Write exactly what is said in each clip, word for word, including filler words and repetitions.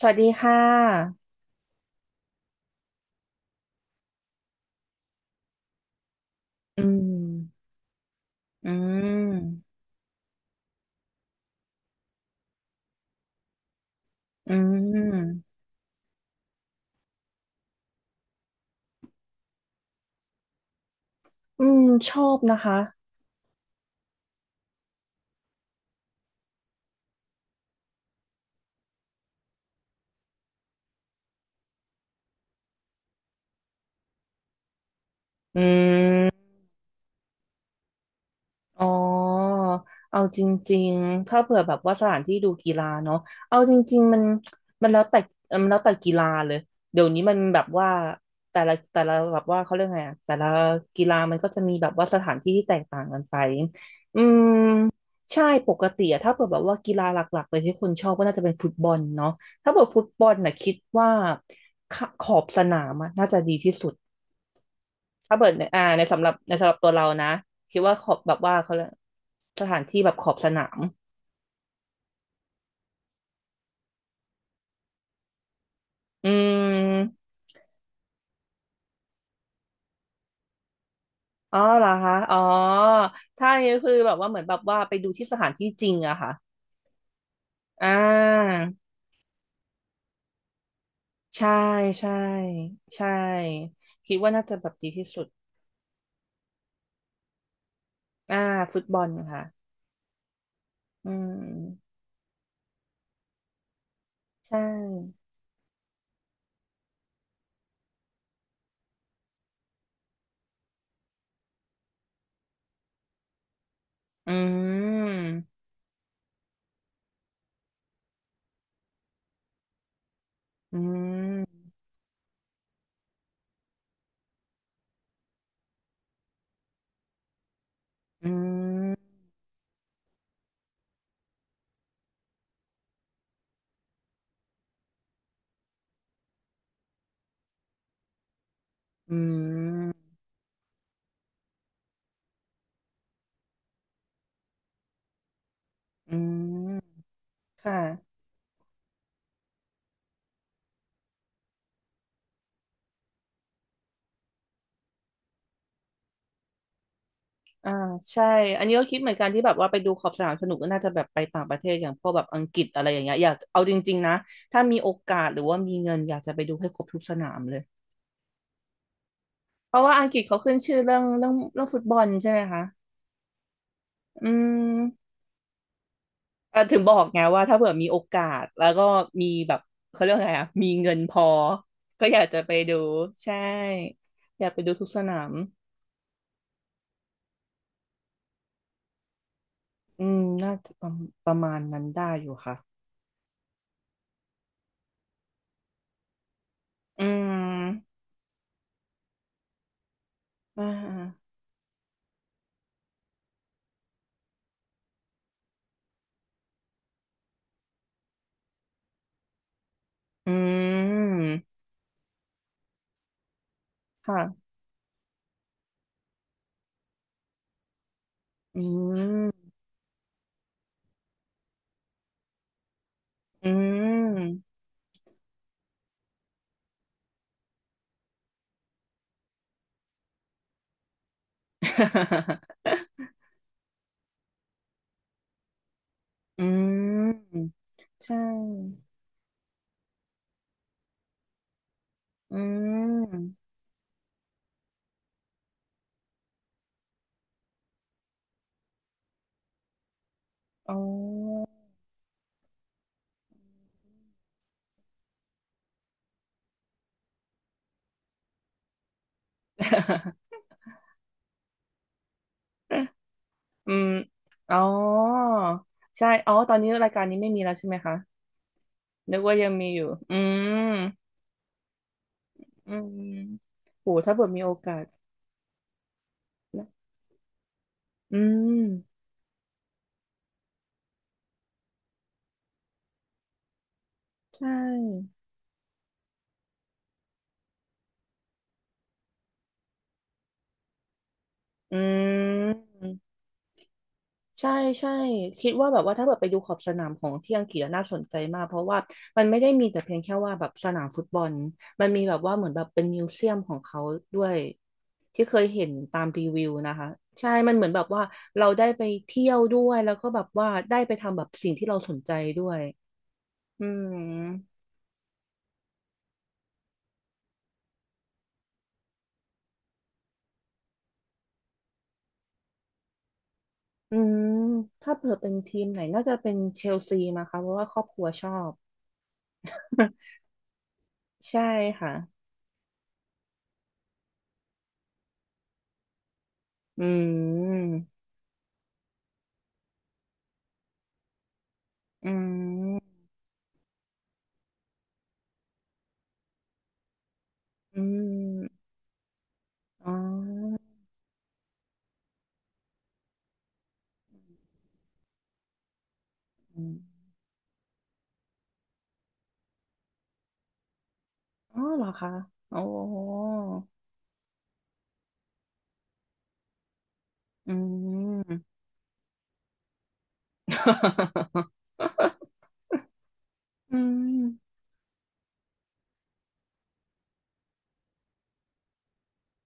สวัสดีค่ะ อืม อืม อืม อืมชอบนะคะอืม อ๋อเอาจริงๆ ถ้าเผื่อแบบว่าสถานที่ดูกีฬาเนาะเอาจริงๆมันมันแล้วแต่เอ่อมันแล้วแต่กีฬาเลยเดี๋ยวนี้มันแบบว่าแต่ละแต่ละแบบว่าเขาเรียกไงอะแต่ละกีฬามันก็จะมีแบบว่าสถานที่ที่แตกต่างกันไปอืมใช่ ปกติอะถ้าเผื่อแบบว่ากีฬาหลักๆเลยที่คนชอบก็น่าจะเป็นฟุตบอลเนาะถ้าเผื่อฟุตบอลน่ะคิดว่าขขอบสนามอะน่าจะดีที่สุด ถ้าเปิดในอ่าในสำหรับในสำหรับตัวเรานะคิดว่าขอบแบบว่าเขาเรียกสถานที่แบบขอบสนามอืมอ๋อเหรอคะอ๋อถ้าอย่างนี้คือแบบว่าเหมือนแบบว่าไปดูที่สถานที่จริงอะค่ะอ่าใช่ใช่ใช่คิดว่าน่าจะแบบดีที่สุดอ่าฟุตบอลค่ะอืมใช่อืมอืมอืมอืมอืมค่ะ อ่าใช่อันนี้ก็คิดเหมือนกันที่แบบว่าไปดูขอบสนามสนุกก็น่าจะแบบไปต่างประเทศอย่างพวกแบบอังกฤษอะไรอย่างเงี้ยอยากเอาจริงๆนะถ้ามีโอกาสหรือว่ามีเงินอยากจะไปดูให้ครบทุกสนามเลยเพราะว่าอังกฤษเขาขึ้นชื่อเรื่องเรื่องเรื่องฟุตบอลใช่ไหมคะอืมเอ่อถึงบอกไงว่าถ้าเผื่อมีโอกาสแล้วก็มีแบบเขาเรียกว่าไงอ่ะมีเงินพอก็อยากจะไปดูใช่อยากไปดูทุกสนามอืมน่าจะประประมาณนั้นได้อยู่ค่ะอืมอ่าอืม ค่ะอืมอืม อืมใช่อืมอ๋อ อืมอ๋อใช่อ๋อ ตอนนี้รายการนี้ไม่มีแล้วใช่ไหมคะ นึกว่ายังมีอยู่อืมอืมโหถ้าเกิดมีโอกาสนะอืมใช่อืม ใช่ใช่คิดว่าแบบว่าถ้าแบบไปดูขอบสนามของที่อังกฤษอะน่าสนใจมากเพราะว่ามันไม่ได้มีแต่เพียงแค่ว่าแบบสนามฟุตบอลมันมีแบบว่าเหมือนแบบเป็นมิวเซียมของเขาด้วยที่เคยเห็นตามรีวิวนะคะใช่มันเหมือนแบบว่าเราได้ไปเที่ยวด้วยแล้วก็แบบว่าได้ไปทำแบบสิ่งที่เราสนใจด้วยอืมอืมถ้าเผื่อเป็นทีมไหนน่าจะเป็นเชลซีมาค่ะเพราะว่าครอบครัวชอบใช่ค่ะอืมอืมอ๋อ อ๋อเหรอคะ โอ้อืมอืม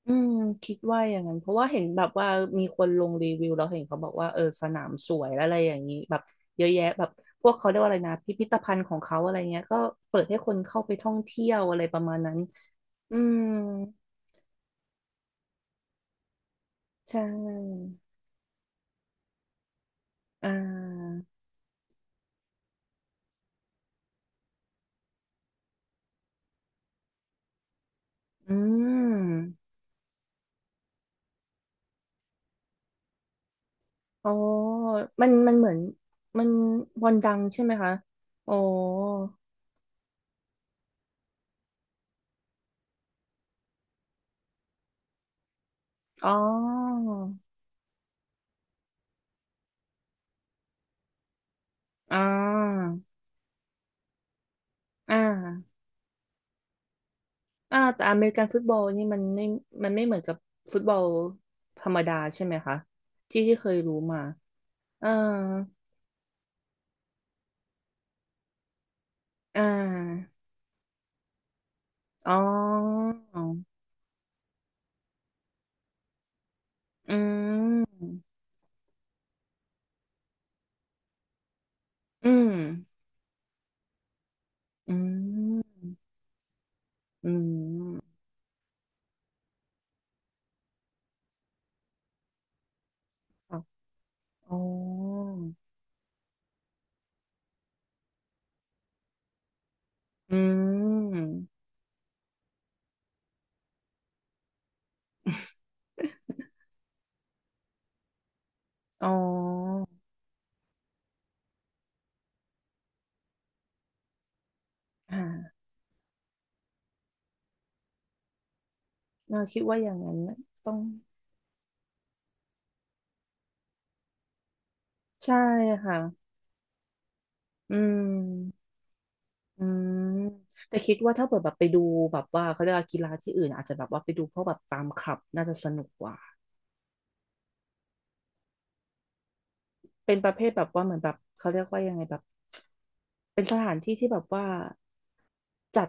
อืมคิดว่าอย่างนั้นเพราะว่าเห็นแบบว่ามีคนลงรีวิวแล้วเห็นเขาบอกว่าเออสนามสวยอะไรอย่างนี้แบบเยอะแยะแบบพวกเขาเรียกว่าอะไรนะพิพิธภัณฑ์ของเขาอะไรเงี้ยก็เปิดให้คนเข้าไปท่องเที่ยวอะไรประมาณนั้นอืมใช่อ่าอืมอ๋อมันมันเหมือนมันวันดังใช่ไหมคะอ๋อ อ๋ออ่าอ่าอ่าแต่อเมริกันฟุตบอลนี่มันไม่มันไม่เหมือนกับฟุตบอลธรรมดาใช่ไหมคะที่ที่เคยรู้มาเอ่าอ่าอ๋ออืมอืมอืมอืมค่ะอ๋ออืมอ๋อค่ะเราคิดว่าอย่างนั้นน่ะต้องใช่ค่ะอืม อืมแต่คิดว่าถ้าเปิดแบบไปดูแบบว่าเขาเรียกว่ากีฬาที่อื่นอาจจะแบบว่าไปดูพวกแบบตามคลับน่าจะสนุกกว่าเป็นประเภทแบบว่าเหมือนแบบเขาเรียกว่ายังไงแบบเป็นสถานที่ที่แบบว่าจัด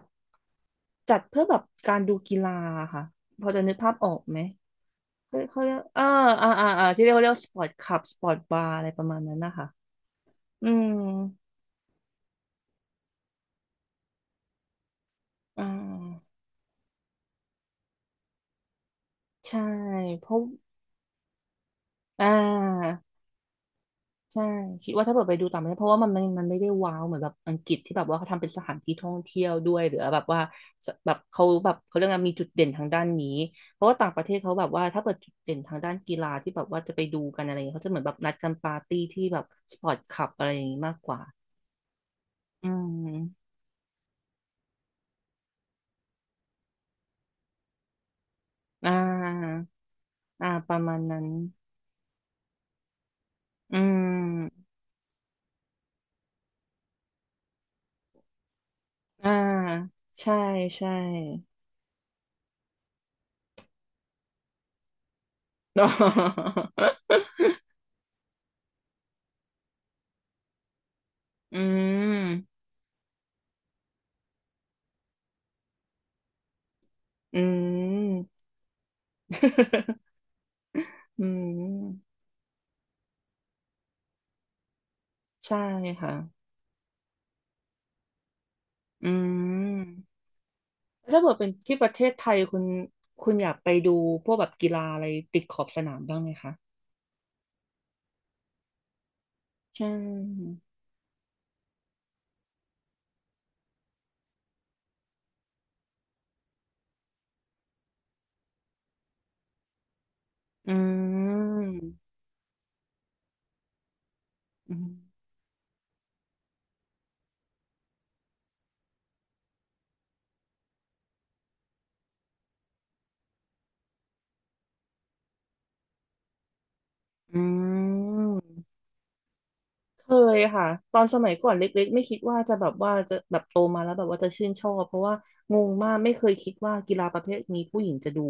จัดเพื่อแบบการดูกีฬาค่ะพอจะนึกภาพออกไหมเขาเขาเรียกเอออ่าอ่าอ่าที่เรียกว่าเรียกสปอร์ตคลับสปอร์ตบาร์อะไรประมาณนั้นนะคะอืมอ่าใช่เพราะอ่า ใช่คิดว่าถ้าเกิดไปดูต่างประเทศเพราะว่ามันมันมันไม่ได้ว้าวเหมือนแบบอังกฤษที่แบบว่าเขาทำเป็นสถานที่ท่องเที่ยวด้วยหรือแบบว่าสแบบเขาแบบเขาเรื่กงมีจุดเด่นทางด้านนี้เพราะว่าต่างประเทศเขาแบบว่าถ้าเกิดจุดเด่นทางด้านกีฬาที่แบบว่าจะไปดูกันอะไรอย่างเงี้ยเขาจะเหมือนแบบนัดกันปาร์ตี้ที่แบบสปอร์ตคลับอะไรอย่างงี้มากกว่าอืมอ่าอ่าประมาณนั้นอืมอ่าใช่ใช่ อืม อืม อืม ใช่ค่ะ อืมแล้วถ้าเกิดเป็นที่ประเทศไทยคุณ คุณอยากไปดูพวกแบบกีฬาอะไรติดขอบสนามบ้างไหมคะ ใช่ อืม อืม อืม เคยค่ะตอนสมัยก่อนเล็กๆไม่คิดว่าจะแบบว่าจะแบบโตมาแล้วแบบว่าจะชื่นชอบเพราะว่างงมากไม่เคยคิดว่ากีฬาประเภทนี้ผู้หญิงจะดู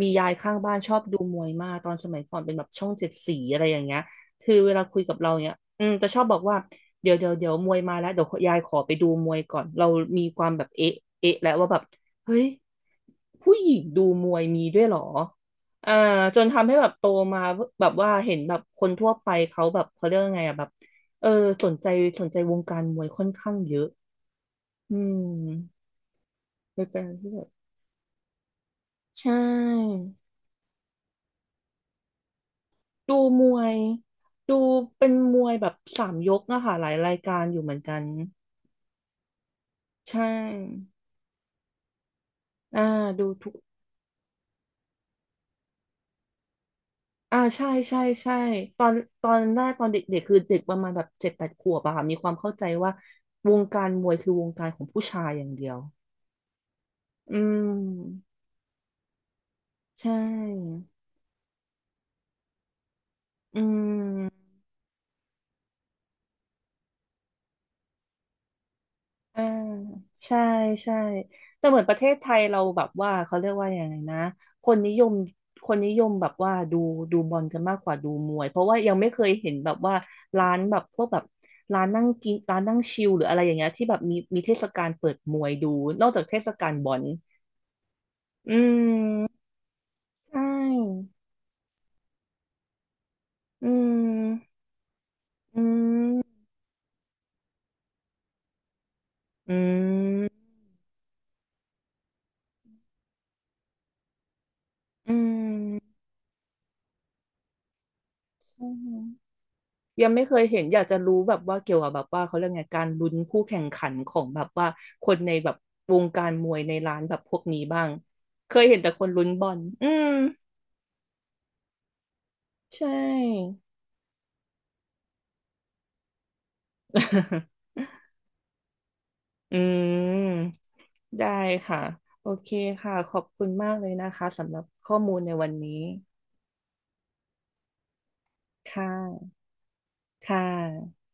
มียายข้างบ้านชอบดูมวยมากตอนสมัยก่อนเป็นแบบช่องเจ็ดสีอะไรอย่างเงี้ยคือเวลาคุยกับเราเนี้ยอืมจะชอบบอกว่าเดี๋ยวเดี๋ยวเดี๋ยวมวยมาแล้วเดี๋ยวยายขอไปดูมวยก่อน เรามีความแบบเอ๊ะเอ๊ะแล้วว่าแบบเฮ้ยผู้หญิงดูมวยมีด้วยเหรออ่าจนทำให้แบบโตมาแบบว่าเห็นแบบคนทั่วไปเขาแบบเขาเรียกว่าไงอ่ะแบบ เออสนใจสนใจวงการมวยค่อนข้างเยอะอืมเลยเป็นรที่แบบใช่ดูมวยดูเป็นมวยแบบสามยกอะค่ะหลายรายการอยู่เหมือนกันใช่อ่าดูทุกอ่าใช่ใช่ใช่ตอนตอนแรกตอนเด็กๆคือเด็กประมาณแบบเจ็ดแปดขวบอะค่ะมีความเข้าใจว่าวงการมวยคือวงการของผู้ชายอย่างเดียวอืมใช่อืม อ่าใช่ใช่แต่เหมือนประเทศไทยเราแบบว่าเขาเรียกว่าอย่างไงนะคนนิยมคนนิยมแบบว่าดูดูบอลกันมากกว่าดูมวยเพราะว่ายังไม่เคยเห็นแบบว่าร้านแบบพวกแบบร้านนั่งกินร้านนั่งชิลหรืออะไรอย่างเงี้ยที่แบบมีมีเทศกาลเปิดมวยดูนอกจากเทศกาลบอลอืมใช่อืมอืมอืมอืมใช่ ยังไม่เคยเห็นอยากจะรู้แบบว่าเกี่ยวกับแบบว่าเขาเรียกไงการลุ้นคู่แข่งขันของแบบว่าคนในแบบวงการมวยในร้านแบบพวกนี้บ้างเคยเห็นแต่คนลุ้นบอลอืมใช่ อืมได้ค่ะโอเคค่ะขอบคุณมากเลยนะคะสำหรับข้อมูลในวันนี้ค่ะค่ะ